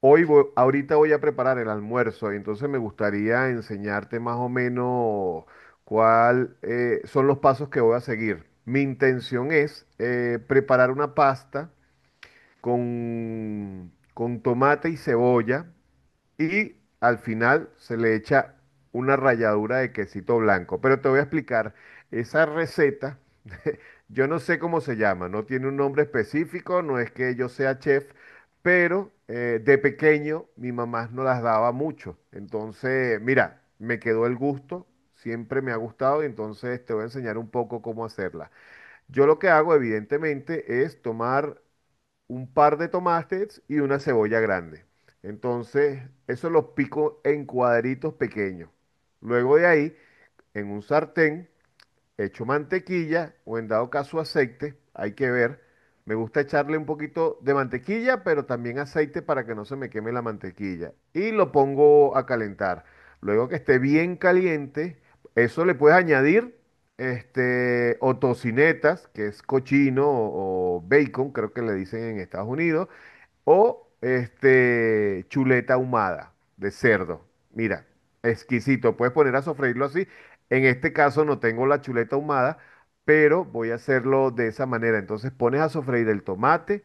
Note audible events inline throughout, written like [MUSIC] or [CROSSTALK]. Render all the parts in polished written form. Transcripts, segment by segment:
Hoy ahorita voy a preparar el almuerzo, y entonces me gustaría enseñarte más o menos cuál son los pasos que voy a seguir. Mi intención es preparar una pasta con tomate y cebolla y al final se le echa una ralladura de quesito blanco. Pero te voy a explicar esa receta, yo no sé cómo se llama, no tiene un nombre específico, no es que yo sea chef, pero de pequeño mi mamá no las daba mucho. Entonces, mira, me quedó el gusto, siempre me ha gustado y entonces te voy a enseñar un poco cómo hacerla. Yo lo que hago, evidentemente, es tomar un par de tomates y una cebolla grande. Entonces, eso los pico en cuadritos pequeños. Luego de ahí, en un sartén hecho mantequilla o en dado caso aceite, hay que ver. Me gusta echarle un poquito de mantequilla, pero también aceite para que no se me queme la mantequilla. Y lo pongo a calentar. Luego que esté bien caliente, eso le puedes añadir este, o tocinetas, que es cochino o bacon, creo que le dicen en Estados Unidos, o este, chuleta ahumada de cerdo. Mira, exquisito. Puedes poner a sofreírlo así. En este caso no tengo la chuleta ahumada, pero voy a hacerlo de esa manera. Entonces pones a sofreír el tomate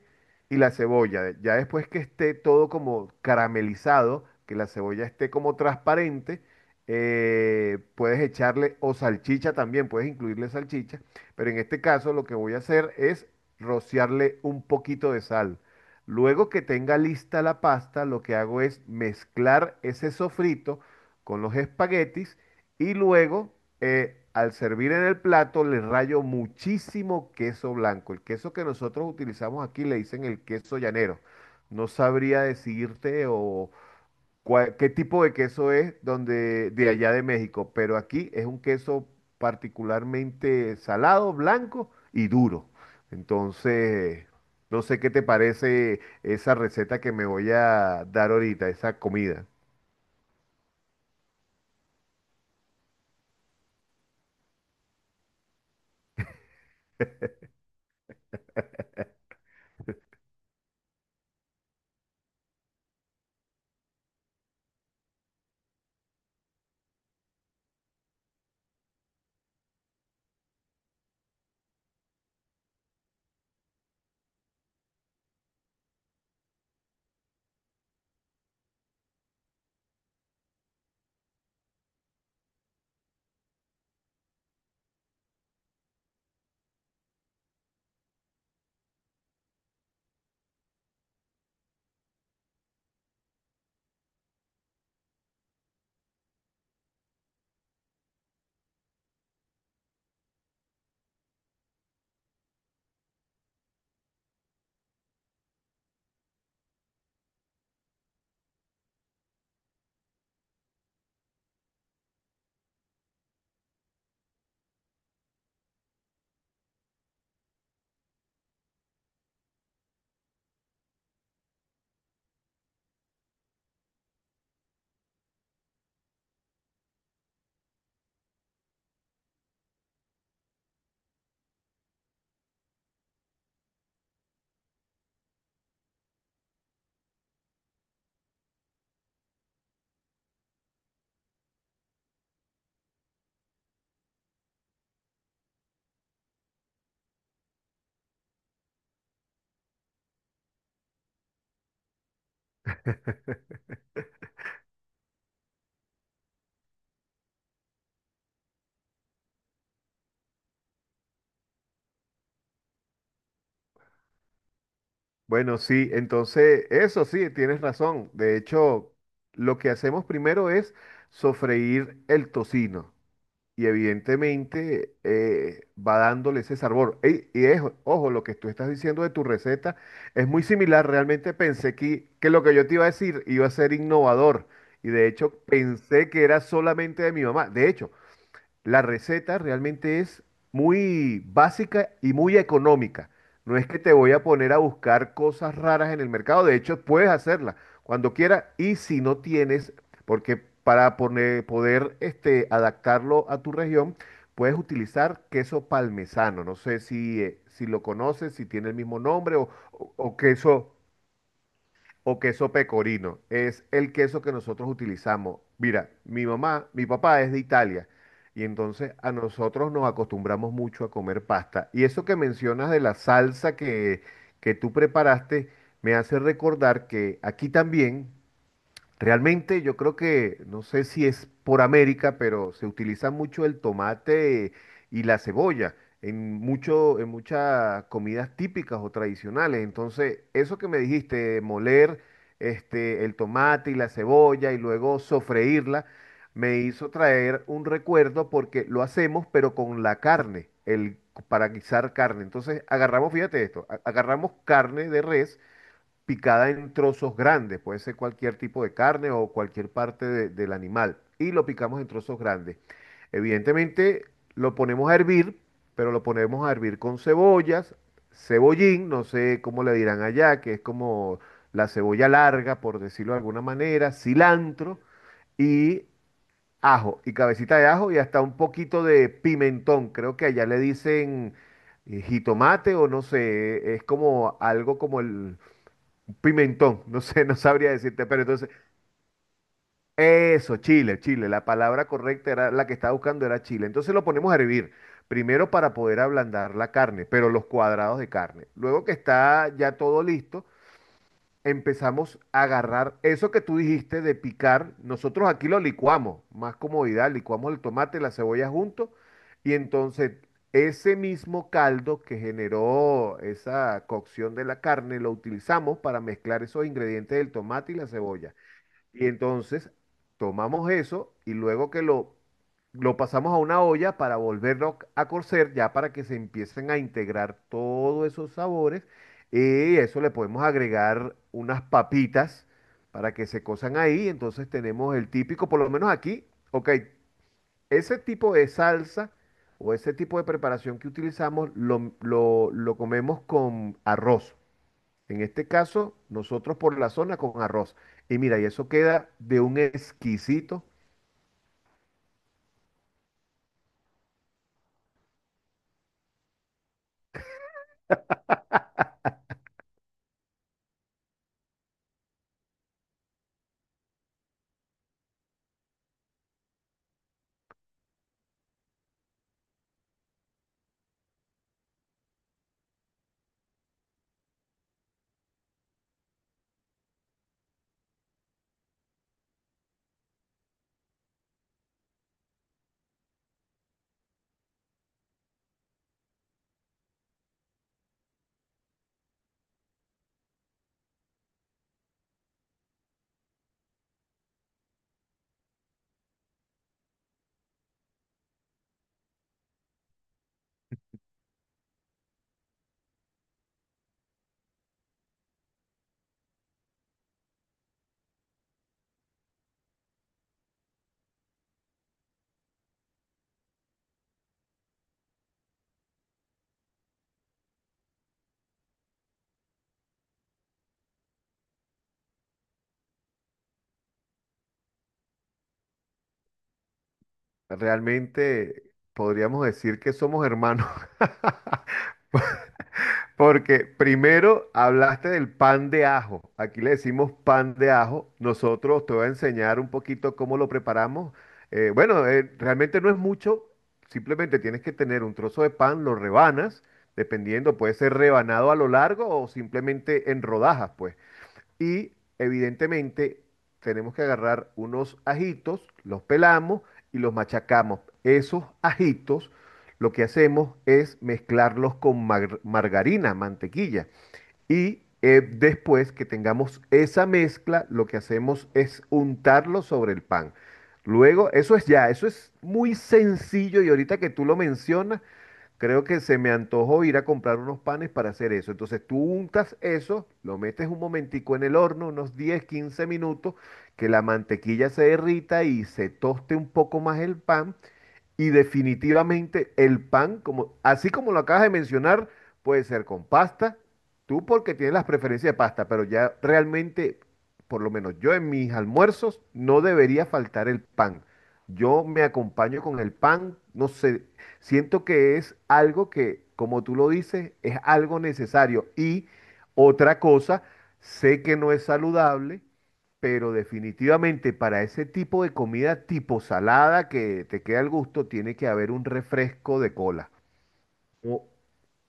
y la cebolla. Ya después que esté todo como caramelizado, que la cebolla esté como transparente, puedes echarle o salchicha también, puedes incluirle salchicha. Pero en este caso lo que voy a hacer es rociarle un poquito de sal. Luego que tenga lista la pasta, lo que hago es mezclar ese sofrito con los espaguetis y luego al servir en el plato le rayo muchísimo queso blanco. El queso que nosotros utilizamos aquí le dicen el queso llanero. No sabría decirte o, qué tipo de queso es donde, de allá de México, pero aquí es un queso particularmente salado, blanco y duro. Entonces, no sé qué te parece esa receta que me voy a dar ahorita, esa comida. Bueno, sí, entonces, eso sí, tienes razón. De hecho, lo que hacemos primero es sofreír el tocino. Y evidentemente va dándole ese sabor. Ey, y es, ojo, lo que tú estás diciendo de tu receta es muy similar. Realmente pensé que lo que yo te iba a decir iba a ser innovador. Y de hecho pensé que era solamente de mi mamá. De hecho, la receta realmente es muy básica y muy económica. No es que te voy a poner a buscar cosas raras en el mercado. De hecho, puedes hacerla cuando quieras. Y si no tienes, porque para poder este, adaptarlo a tu región, puedes utilizar queso parmesano. No sé si, si lo conoces, si tiene el mismo nombre o, o queso pecorino. Es el queso que nosotros utilizamos. Mira, mi mamá, mi papá es de Italia y entonces a nosotros nos acostumbramos mucho a comer pasta. Y eso que mencionas de la salsa que tú preparaste me hace recordar que aquí también. Realmente yo creo que, no sé si es por América, pero se utiliza mucho el tomate y la cebolla en mucho, en muchas comidas típicas o tradicionales. Entonces, eso que me dijiste, de moler este, el tomate y la cebolla y luego sofreírla, me hizo traer un recuerdo porque lo hacemos, pero con la carne, el, para guisar carne. Entonces, agarramos, fíjate esto, agarramos carne de res picada en trozos grandes, puede ser cualquier tipo de carne o cualquier parte del animal, y lo picamos en trozos grandes. Evidentemente lo ponemos a hervir, pero lo ponemos a hervir con cebollas, cebollín, no sé cómo le dirán allá, que es como la cebolla larga, por decirlo de alguna manera, cilantro y ajo, y cabecita de ajo y hasta un poquito de pimentón, creo que allá le dicen jitomate o no sé, es como algo como el pimentón, [LAUGHS] no sé, no sabría decirte, pero entonces, eso, Chile, la palabra correcta era la que estaba buscando era Chile. Entonces lo ponemos a hervir, primero para poder ablandar la carne, pero los cuadrados de carne. Luego que está ya todo listo, empezamos a agarrar eso que tú dijiste de picar. Nosotros aquí lo licuamos, más comodidad, licuamos el tomate y la cebolla juntos. Y entonces ese mismo caldo que generó esa cocción de la carne lo utilizamos para mezclar esos ingredientes del tomate y la cebolla. Y entonces tomamos eso y luego que lo pasamos a una olla para volverlo a cocer, ya para que se empiecen a integrar todos esos sabores. Y eso le podemos agregar unas papitas para que se cosan ahí. Entonces tenemos el típico, por lo menos aquí, ok, ese tipo de salsa o ese tipo de preparación que utilizamos lo comemos con arroz. En este caso, nosotros por la zona con arroz. Y mira, y eso queda de un exquisito. Realmente podríamos decir que somos hermanos, [LAUGHS] porque primero hablaste del pan de ajo. Aquí le decimos pan de ajo. Nosotros te voy a enseñar un poquito cómo lo preparamos. Bueno, realmente no es mucho. Simplemente tienes que tener un trozo de pan, lo rebanas, dependiendo, puede ser rebanado a lo largo o simplemente en rodajas, pues. Y evidentemente tenemos que agarrar unos ajitos, los pelamos y los machacamos. Esos ajitos lo que hacemos es mezclarlos con margarina, mantequilla. Y después que tengamos esa mezcla, lo que hacemos es untarlo sobre el pan. Luego, eso es ya, eso es muy sencillo y ahorita que tú lo mencionas, creo que se me antojó ir a comprar unos panes para hacer eso. Entonces tú untas eso, lo metes un momentico en el horno, unos 10 15 minutos, que la mantequilla se derrita y se toste un poco más el pan. Y definitivamente el pan, como, así como lo acabas de mencionar, puede ser con pasta. Tú porque tienes las preferencias de pasta, pero ya realmente, por lo menos yo en mis almuerzos, no debería faltar el pan. Yo me acompaño con el pan, no sé, siento que es algo que, como tú lo dices, es algo necesario. Y otra cosa, sé que no es saludable, pero definitivamente para ese tipo de comida tipo salada que te queda al gusto, tiene que haber un refresco de cola. O-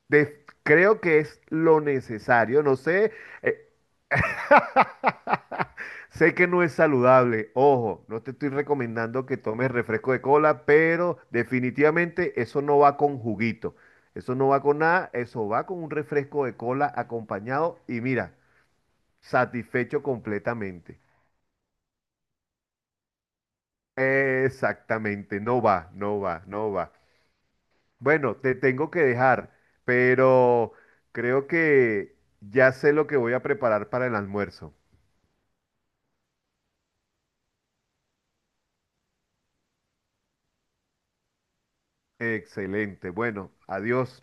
creo que es lo necesario. No sé, eh, sé que no es saludable. Ojo, no te estoy recomendando que tomes refresco de cola, pero definitivamente eso no va con juguito. Eso no va con nada, eso va con un refresco de cola acompañado y mira, satisfecho completamente. Exactamente, no va, no va, no va. Bueno, te tengo que dejar, pero creo que ya sé lo que voy a preparar para el almuerzo. Excelente. Bueno, adiós.